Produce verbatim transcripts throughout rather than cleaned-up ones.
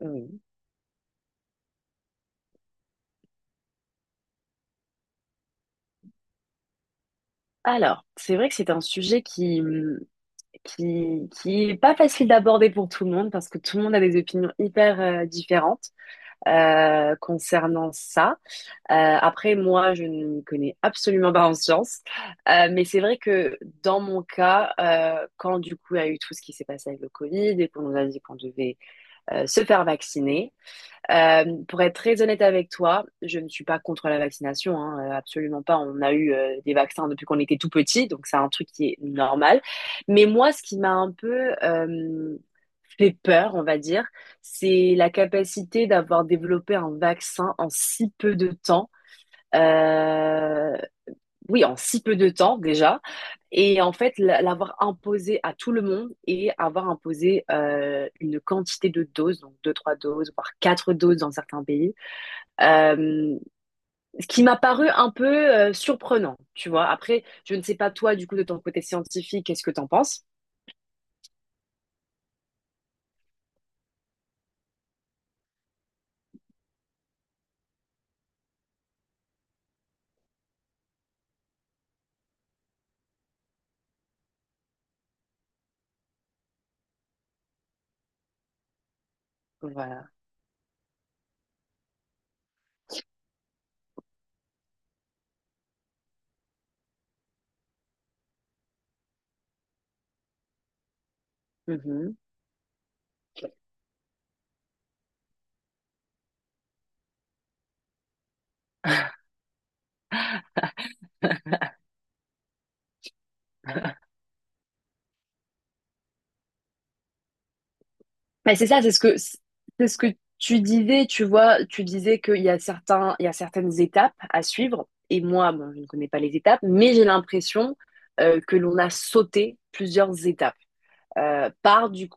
Oui. Alors, c'est vrai que c'est un sujet qui, hum, qui, qui est pas facile d'aborder pour tout le monde parce que tout le monde a des opinions hyper euh, différentes euh, concernant ça. Euh, après, moi, je ne m'y connais absolument pas en sciences. Euh, mais c'est vrai que dans mon cas, euh, quand du coup il y a eu tout ce qui s'est passé avec le Covid et qu'on nous a dit qu'on devait euh, se faire vacciner. Euh, pour être très honnête avec toi, je ne suis pas contre la vaccination, hein, euh, absolument pas. On a eu euh, des vaccins depuis qu'on était tout petit, donc c'est un truc qui est normal. Mais moi, ce qui m'a un peu euh, fait peur, on va dire, c'est la capacité d'avoir développé un vaccin en si peu de temps, euh, oui, en si peu de temps déjà. Et en fait, la- l'avoir imposé à tout le monde et avoir imposé euh, une quantité de doses, donc deux, trois doses, voire quatre doses dans certains pays. euh, Ce qui m'a paru un peu euh, surprenant, tu vois. Après, je ne sais pas toi, du coup, de ton côté scientifique, qu'est-ce que t'en penses? Voilà. Mhm. Mais c'est ça, c'est ce que c'est ce que tu disais, tu vois, tu disais qu'il y a certains, il y a certaines étapes à suivre. Et moi, bon, je ne connais pas les étapes, mais j'ai l'impression euh, que l'on a sauté plusieurs étapes. Euh, par du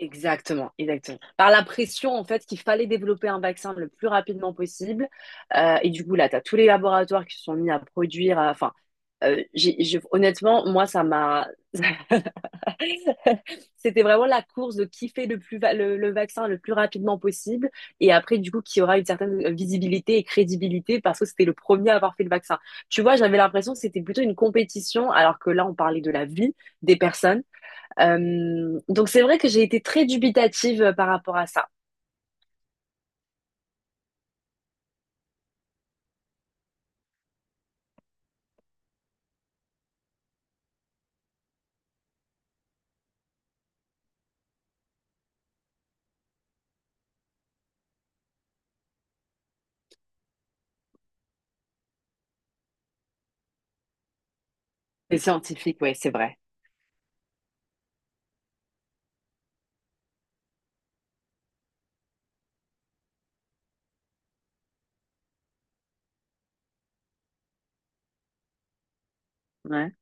Exactement, exactement. Par la pression, en fait, qu'il fallait développer un vaccin le plus rapidement possible. Euh, et du coup, là, tu as tous les laboratoires qui se sont mis à produire. À- Enfin, euh, j'ai- j'ai- honnêtement, moi, ça m'a. C'était vraiment la course de qui fait le plus va- le, le vaccin le plus rapidement possible. Et après, du coup, qui aura une certaine visibilité et crédibilité parce que c'était le premier à avoir fait le vaccin. Tu vois, j'avais l'impression que c'était plutôt une compétition, alors que là, on parlait de la vie des personnes. Euh, donc c'est vrai que j'ai été très dubitative euh, par rapport à ça. Les scientifiques, oui, c'est vrai. Ouais,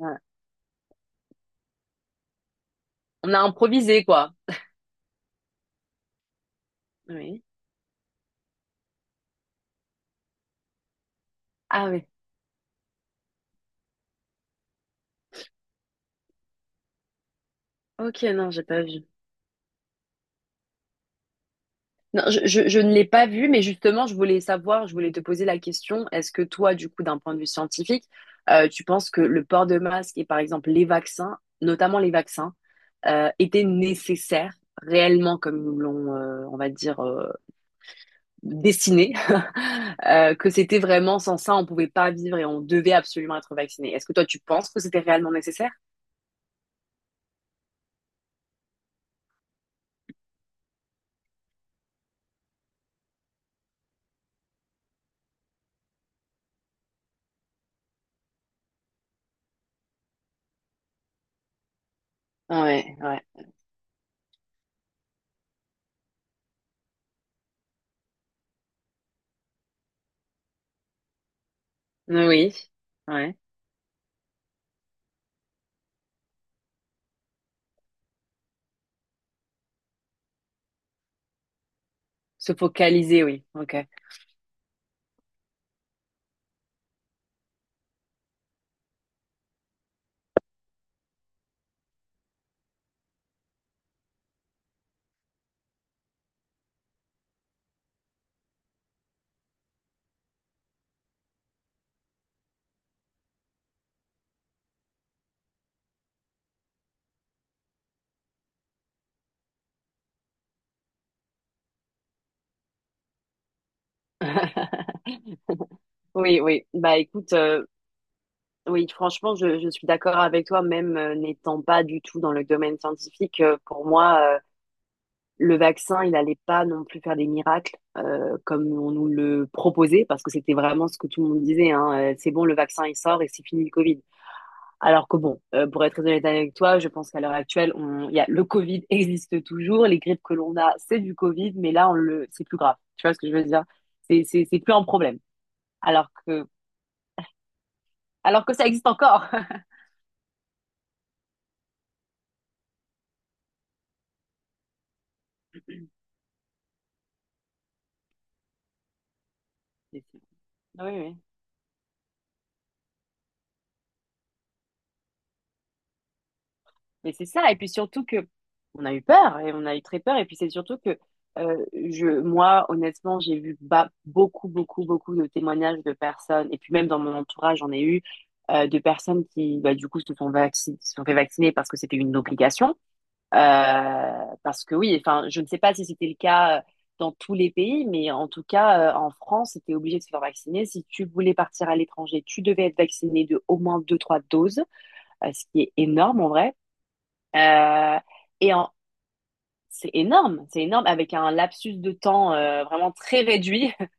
ouais. On a improvisé, quoi. Oui. Ah oui. Ok, non, j'ai pas vu. Non, je, je- je ne l'ai pas vu, mais justement, je voulais savoir, je voulais te poser la question, est-ce que toi, du coup, d'un point de vue scientifique, euh, tu penses que le port de masque et par exemple les vaccins, notamment les vaccins, euh, étaient nécessaires réellement comme ils nous l'ont, euh, on va dire, euh, dessiné, euh, que c'était vraiment sans ça, on pouvait pas vivre et on devait absolument être vacciné. Est-ce que toi, tu penses que c'était réellement nécessaire? Ouais, ouais. Oui, ouais. Se focaliser, oui. Ok. Oui, oui. Bah écoute, euh, oui, franchement, je, je suis d'accord avec toi, même euh, n'étant pas du tout dans le domaine scientifique. Euh, pour moi, euh, le vaccin, il n'allait pas non plus faire des miracles euh, comme on nous le proposait, parce que c'était vraiment ce que tout le monde disait, hein, euh, c'est bon, le vaccin, il sort et c'est fini le Covid. Alors que bon, euh, pour être très honnête avec toi, je pense qu'à l'heure actuelle, on, il y a, le Covid existe toujours, les grippes que l'on a, c'est du Covid, mais là, on le, c'est plus grave. Tu vois ce que je veux dire? C'est, c'est, c'est plus un problème. Alors que, alors que ça existe encore. Oui, oui. Mais c'est ça, et puis surtout que on a eu peur, et on a eu très peur, et puis c'est surtout que euh, je, moi, honnêtement, j'ai vu ba- beaucoup, beaucoup, beaucoup de témoignages de personnes, et puis même dans mon entourage, j'en ai eu euh, de personnes qui, bah, du coup, se sont vacci- se sont fait vacciner parce que c'était une obligation. Euh, Parce que oui, enfin, je ne sais pas si c'était le cas euh, dans tous les pays, mais en tout cas, euh, en France, c'était obligé de se faire vacciner. Si tu voulais partir à l'étranger, tu devais être vacciné de au moins deux, trois doses, euh, ce qui est énorme en vrai. Euh, et en- c'est énorme, c'est énorme, avec un lapsus de temps euh, vraiment très réduit.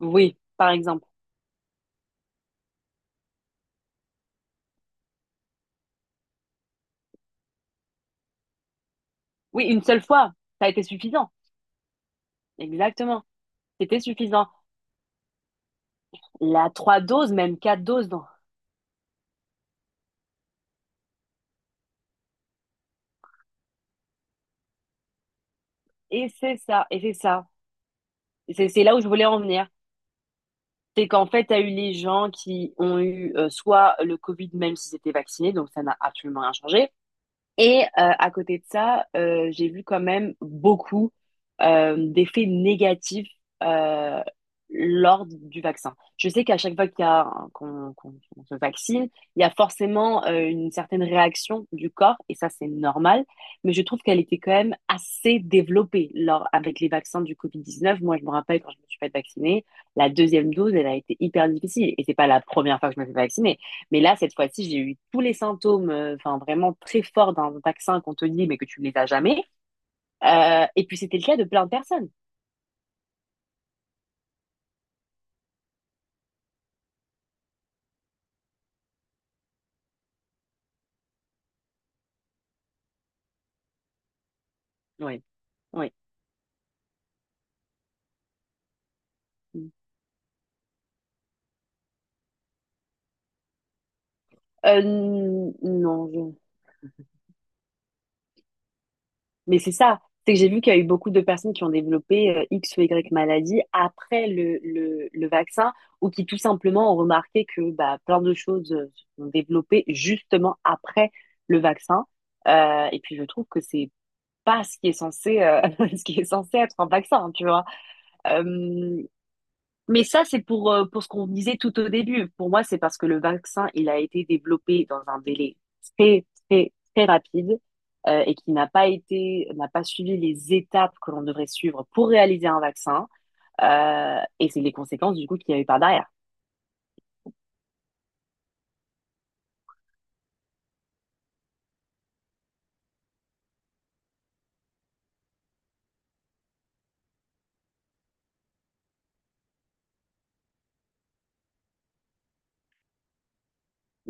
Oui, par exemple. Oui, une seule fois, ça a été suffisant. Exactement, c'était suffisant. La trois doses, même quatre doses. Non. Et c'est ça, et c'est ça. Et C'est c'est là où je voulais en venir. C'est qu'en fait, tu as eu les gens qui ont eu euh, soit le Covid, même s'ils étaient vaccinés, donc ça n'a absolument rien changé. Et euh, à côté de ça, euh, j'ai vu quand même beaucoup euh, d'effets négatifs euh, lors du vaccin. Je sais qu'à chaque fois qu'il y a un- qu'on qu'on- qu'on se vaccine, il y a forcément euh, une certaine réaction du corps, et ça c'est normal, mais je trouve qu'elle était quand même assez développée lors, avec les vaccins du covid dix-neuf. Moi, je me rappelle quand je me suis fait vacciner, la deuxième dose, elle a été hyper difficile, et c'est pas la première fois que je me fais vacciner. Mais là, cette fois-ci, j'ai eu tous les symptômes, enfin euh, enfin, vraiment très forts d'un vaccin qu'on te dit, mais que tu ne les as jamais. Euh, et puis c'était le cas de plein de personnes. Oui, oui. Euh, n- non, je- mais c'est ça. C'est que j'ai vu qu'il y a eu beaucoup de personnes qui ont développé euh, X ou Y maladie après le, le, le vaccin ou qui tout simplement ont remarqué que bah, plein de choses euh, se sont développées justement après le vaccin. Euh, et puis je trouve que c'est pas ce qui est censé, euh, ce qui est censé être un vaccin, tu vois. Euh, mais ça, c'est pour, euh, pour ce qu'on disait tout au début. Pour moi, c'est parce que le vaccin, il a été développé dans un délai très, très, très rapide, euh, et qui n'a pas été, n'a pas suivi les étapes que l'on devrait suivre pour réaliser un vaccin. Euh, et c'est les conséquences du coup qu'il y a eu par derrière.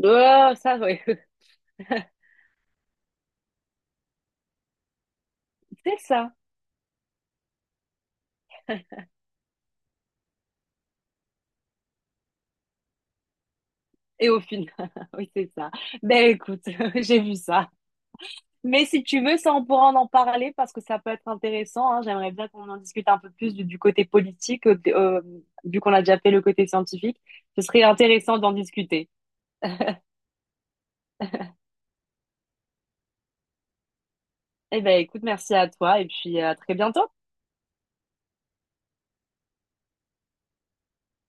Oh, ça, oui. C'est ça. Et au final, oui, c'est ça. Ben écoute, j'ai vu ça. Mais si tu veux, ça, on pourra en en parler parce que ça peut être intéressant, hein. J'aimerais bien qu'on en discute un peu plus du, du côté politique, euh, de- euh, vu qu'on a déjà fait le côté scientifique. Ce serait intéressant d'en discuter. Eh ben, écoute, merci à toi et puis à très bientôt.